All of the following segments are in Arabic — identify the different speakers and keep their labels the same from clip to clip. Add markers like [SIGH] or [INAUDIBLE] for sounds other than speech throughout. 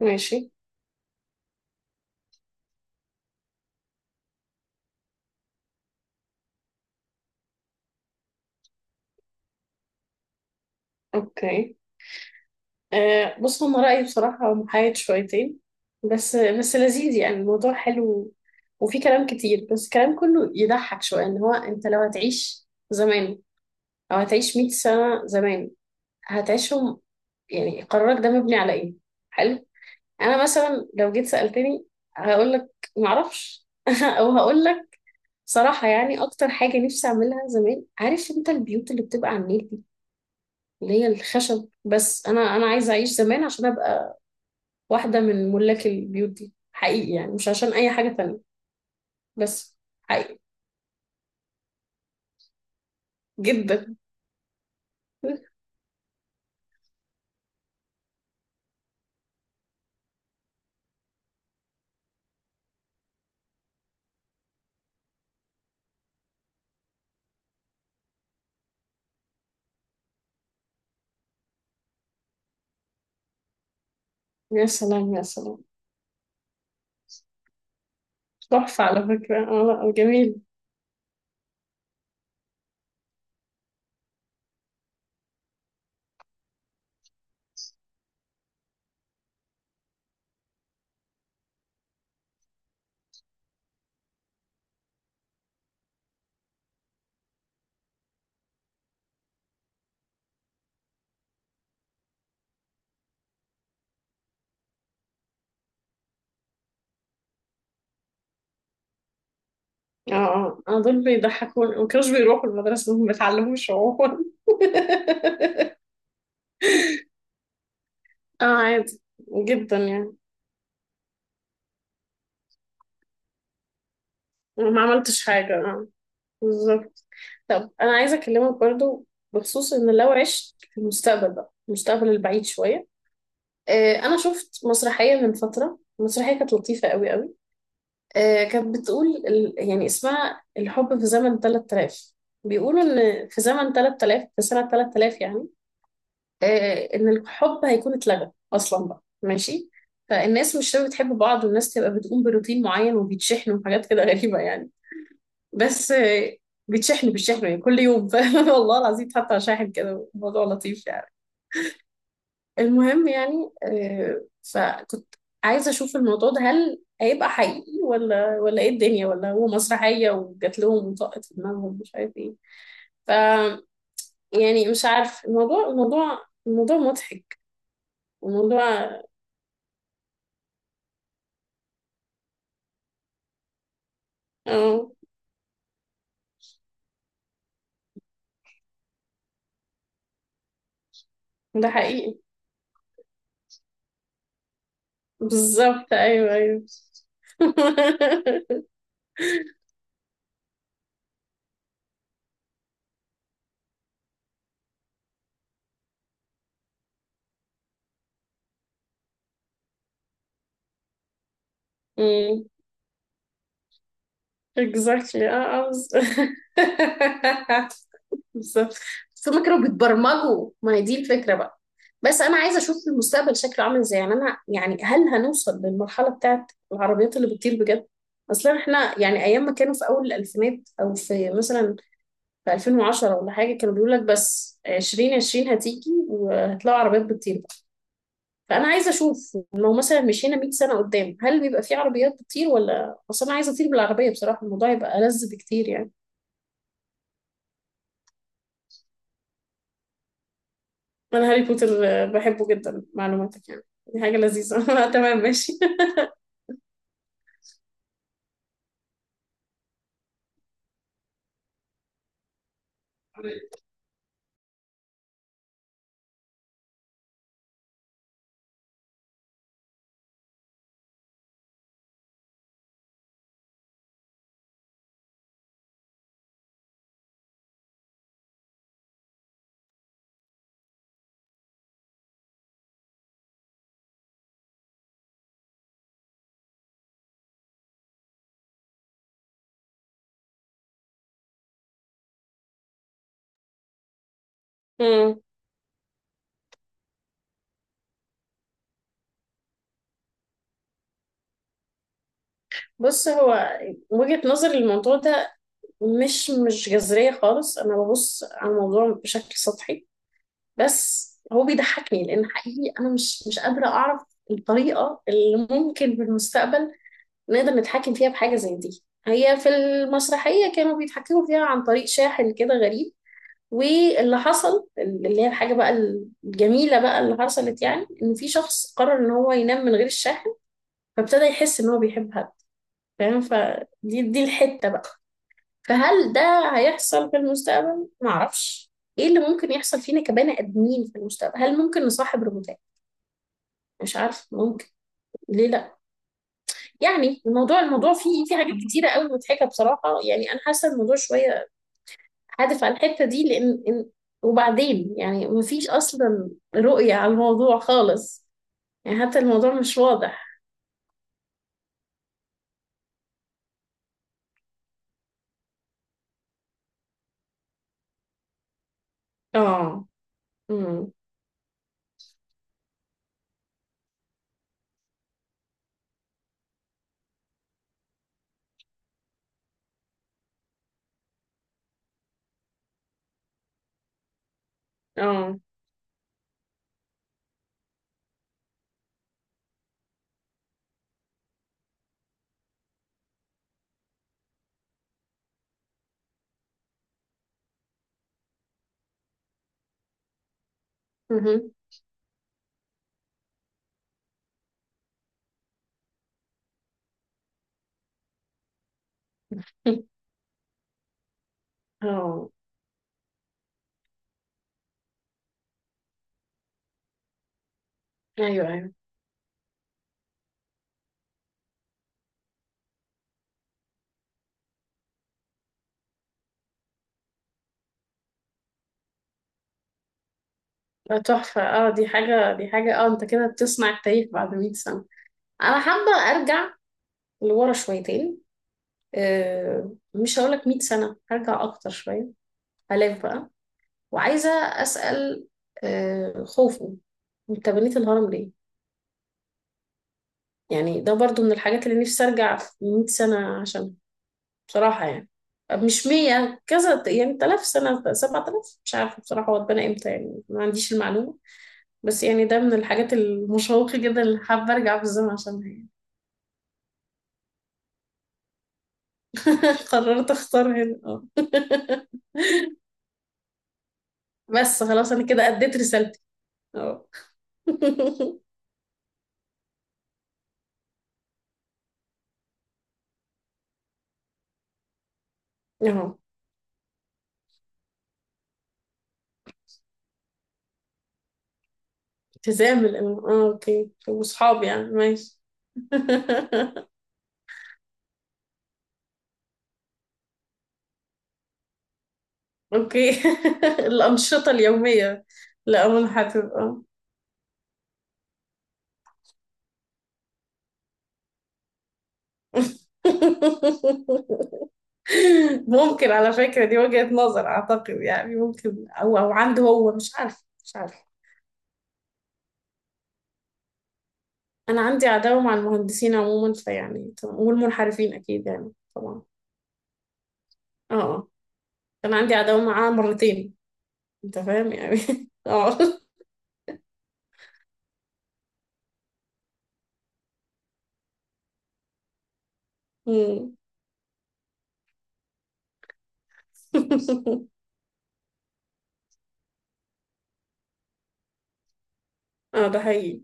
Speaker 1: ماشي. اوكي. بص هو رأيي بصراحة محايد شويتين. بس بس لذيذ، يعني الموضوع حلو وفي كلام كتير بس الكلام كله يضحك شوية ان هو انت لو هتعيش زمان او هتعيش 100 سنة زمان هتعيشهم. يعني قرارك ده مبني على ايه؟ حلو. انا مثلا لو جيت سألتني هقول لك معرفش. [LAUGHS] او هقول لك صراحة، يعني اكتر حاجة نفسي اعملها زمان، عارف انت البيوت اللي بتبقى على النيل، اللي هي الخشب، بس انا عايزه اعيش زمان عشان ابقى واحده من ملاك البيوت دي حقيقي، يعني مش عشان اي حاجه تانية. بس حقيقي جدا. [LAUGHS] يا سلام يا سلام. تحفه على فكره، اه، لا جميل. اه اه، دول بيضحكون، ما كانوش بيروحوا المدرسه، ما بيتعلموش عموما. [LAUGHS] اه عادي جدا يعني. أنا ما عملتش حاجة، اه، بالظبط. طب أنا عايزة أكلمك برضو بخصوص إن لو عشت في المستقبل بقى، المستقبل البعيد شوية. انا شفت مسرحيه من فتره، المسرحيه كانت لطيفه قوي قوي. كانت بتقول يعني اسمها الحب في زمن 3000. بيقولوا ان في زمن 3000، في سنه 3000 يعني، ان الحب هيكون اتلغى اصلا بقى ماشي. فالناس مش هتبقى بتحب بعض، والناس تبقى بتقوم بروتين معين وبيتشحنوا وحاجات كده غريبه يعني. بس بيتشحنوا بيتشحنوا يعني كل يوم، [LAUGHS] والله العظيم حتى شاحن كده، الموضوع لطيف يعني. المهم يعني، فكنت عايزة أشوف الموضوع ده، هل هيبقى حقيقي ولا إيه الدنيا، ولا هو مسرحية وجات لهم وطقت في دماغهم، مش عارف إيه. ف يعني مش عارف، الموضوع مضحك، الموضوع. اه، ده حقيقي. بالظبط، أيوه أيوه. [LAUGHS] مم. exactly، اه، بالظبط. [LAUGHS] بالظبط. بس هما كانوا بيتبرمجوا، ما هي دي الفكرة بقى. بس أنا عايزة أشوف المستقبل شكله عامل إزاي يعني. أنا يعني هل هنوصل للمرحلة بتاعت العربيات اللي بتطير بجد؟ أصلا إحنا يعني أيام ما كانوا في أول الألفينات أو في مثلا في 2010 ولا حاجة، كانوا بيقول لك بس 2020 هتيجي وهتلاقوا عربيات بتطير بقى. فأنا عايزة أشوف لو مثلا مشينا 100 سنة قدام هل بيبقى في عربيات بتطير، ولا أصل أنا عايزة أطير بالعربية، بصراحة الموضوع يبقى ألذ بكتير يعني. انا هاري بوتر بحبه جدا، معلوماتك يعني. دي حاجة لذيذة. [LAUGHS] أنا تمام ماشي. [LAUGHS] مم. بص، هو وجهة نظري للموضوع ده مش جذرية خالص. أنا ببص على الموضوع بشكل سطحي بس هو بيضحكني، لأن حقيقي أنا مش قادرة أعرف الطريقة اللي ممكن في المستقبل نقدر نتحكم فيها بحاجة زي دي. هي في المسرحية كانوا بيتحكموا فيها عن طريق شاحن كده غريب. واللي حصل اللي هي الحاجة بقى الجميلة بقى اللي حصلت، يعني إن في شخص قرر إن هو ينام من غير الشاحن، فابتدى يحس إن هو بيحب حد، فاهم؟ فدي دي الحتة بقى. فهل ده هيحصل في المستقبل؟ معرفش. إيه اللي ممكن يحصل فينا كبني آدمين في المستقبل؟ هل ممكن نصاحب روبوتات؟ مش عارف، ممكن، ليه لا. يعني الموضوع، الموضوع فيه حاجات كتيرة قوي مضحكة بصراحة، يعني أنا حاسة الموضوع شوية هدف على الحتة دي لأن إن- وبعدين يعني مفيش أصلا رؤية على الموضوع خالص. يعني حتى الموضوع مش واضح. اه، امم، اه، مهم. [LAUGHS] اه، ايوه ايوه. لا، تحفة، اه دي حاجة دي حاجة، اه انت كده بتصنع التاريخ بعد 100 سنة. انا حابة ارجع لورا شويتين. مش هقولك 100 سنة، هرجع اكتر شوية، الاف بقى. وعايزة اسأل خوفو، انت بنيت الهرم؟ يعني ده برضو من الحاجات اللي نفسي ارجع في 100 سنة عشان، بصراحة يعني مش 100 كذا، يعني 3000 سنة، 7000، مش عارفة بصراحة هو اتبنى امتى، يعني ما عنديش المعلومة. بس يعني ده من الحاجات المشوقة جدا اللي حابة ارجع في الزمن عشانها يعني. [LAUGHS] قررت اختار هنا، اه. [LAUGHS] بس خلاص انا كده اديت رسالتي، اه. [LAUGHS] اه، التزام الإمام. اه، اوكي، واصحابي يعني ماشي. [LAUGHS] أوكي. [LAUGHS] الأنشطة اليومية. لا أظن، هتبقى. [LAUGHS] ممكن، على فكرة دي وجهة نظر، أعتقد يعني ممكن أو عنده هو، مش عارف مش عارف. أنا عندي عداوة مع المهندسين عموما فيعني والمنحرفين أكيد يعني طبعا. اه آه. كان عندي عداوة معاه مرتين. أنت فاهم يعني. [LAUGHS] اه. [LAUGHS] أمم. [LAUGHS] اه ده حقيقي.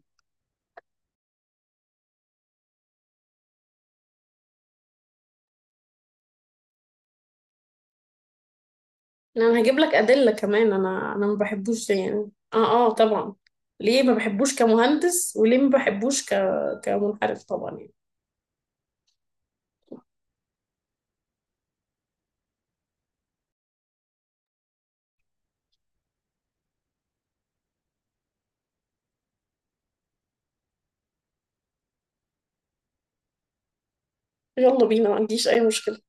Speaker 1: انا هجيب لك ادله كمان، انا ما بحبوش ده يعني، اه اه طبعا. ليه ما بحبوش كمهندس وليه ما بحبوش كمنحرف طبعا يعني. يلا بينا، ما عنديش اي مشكله.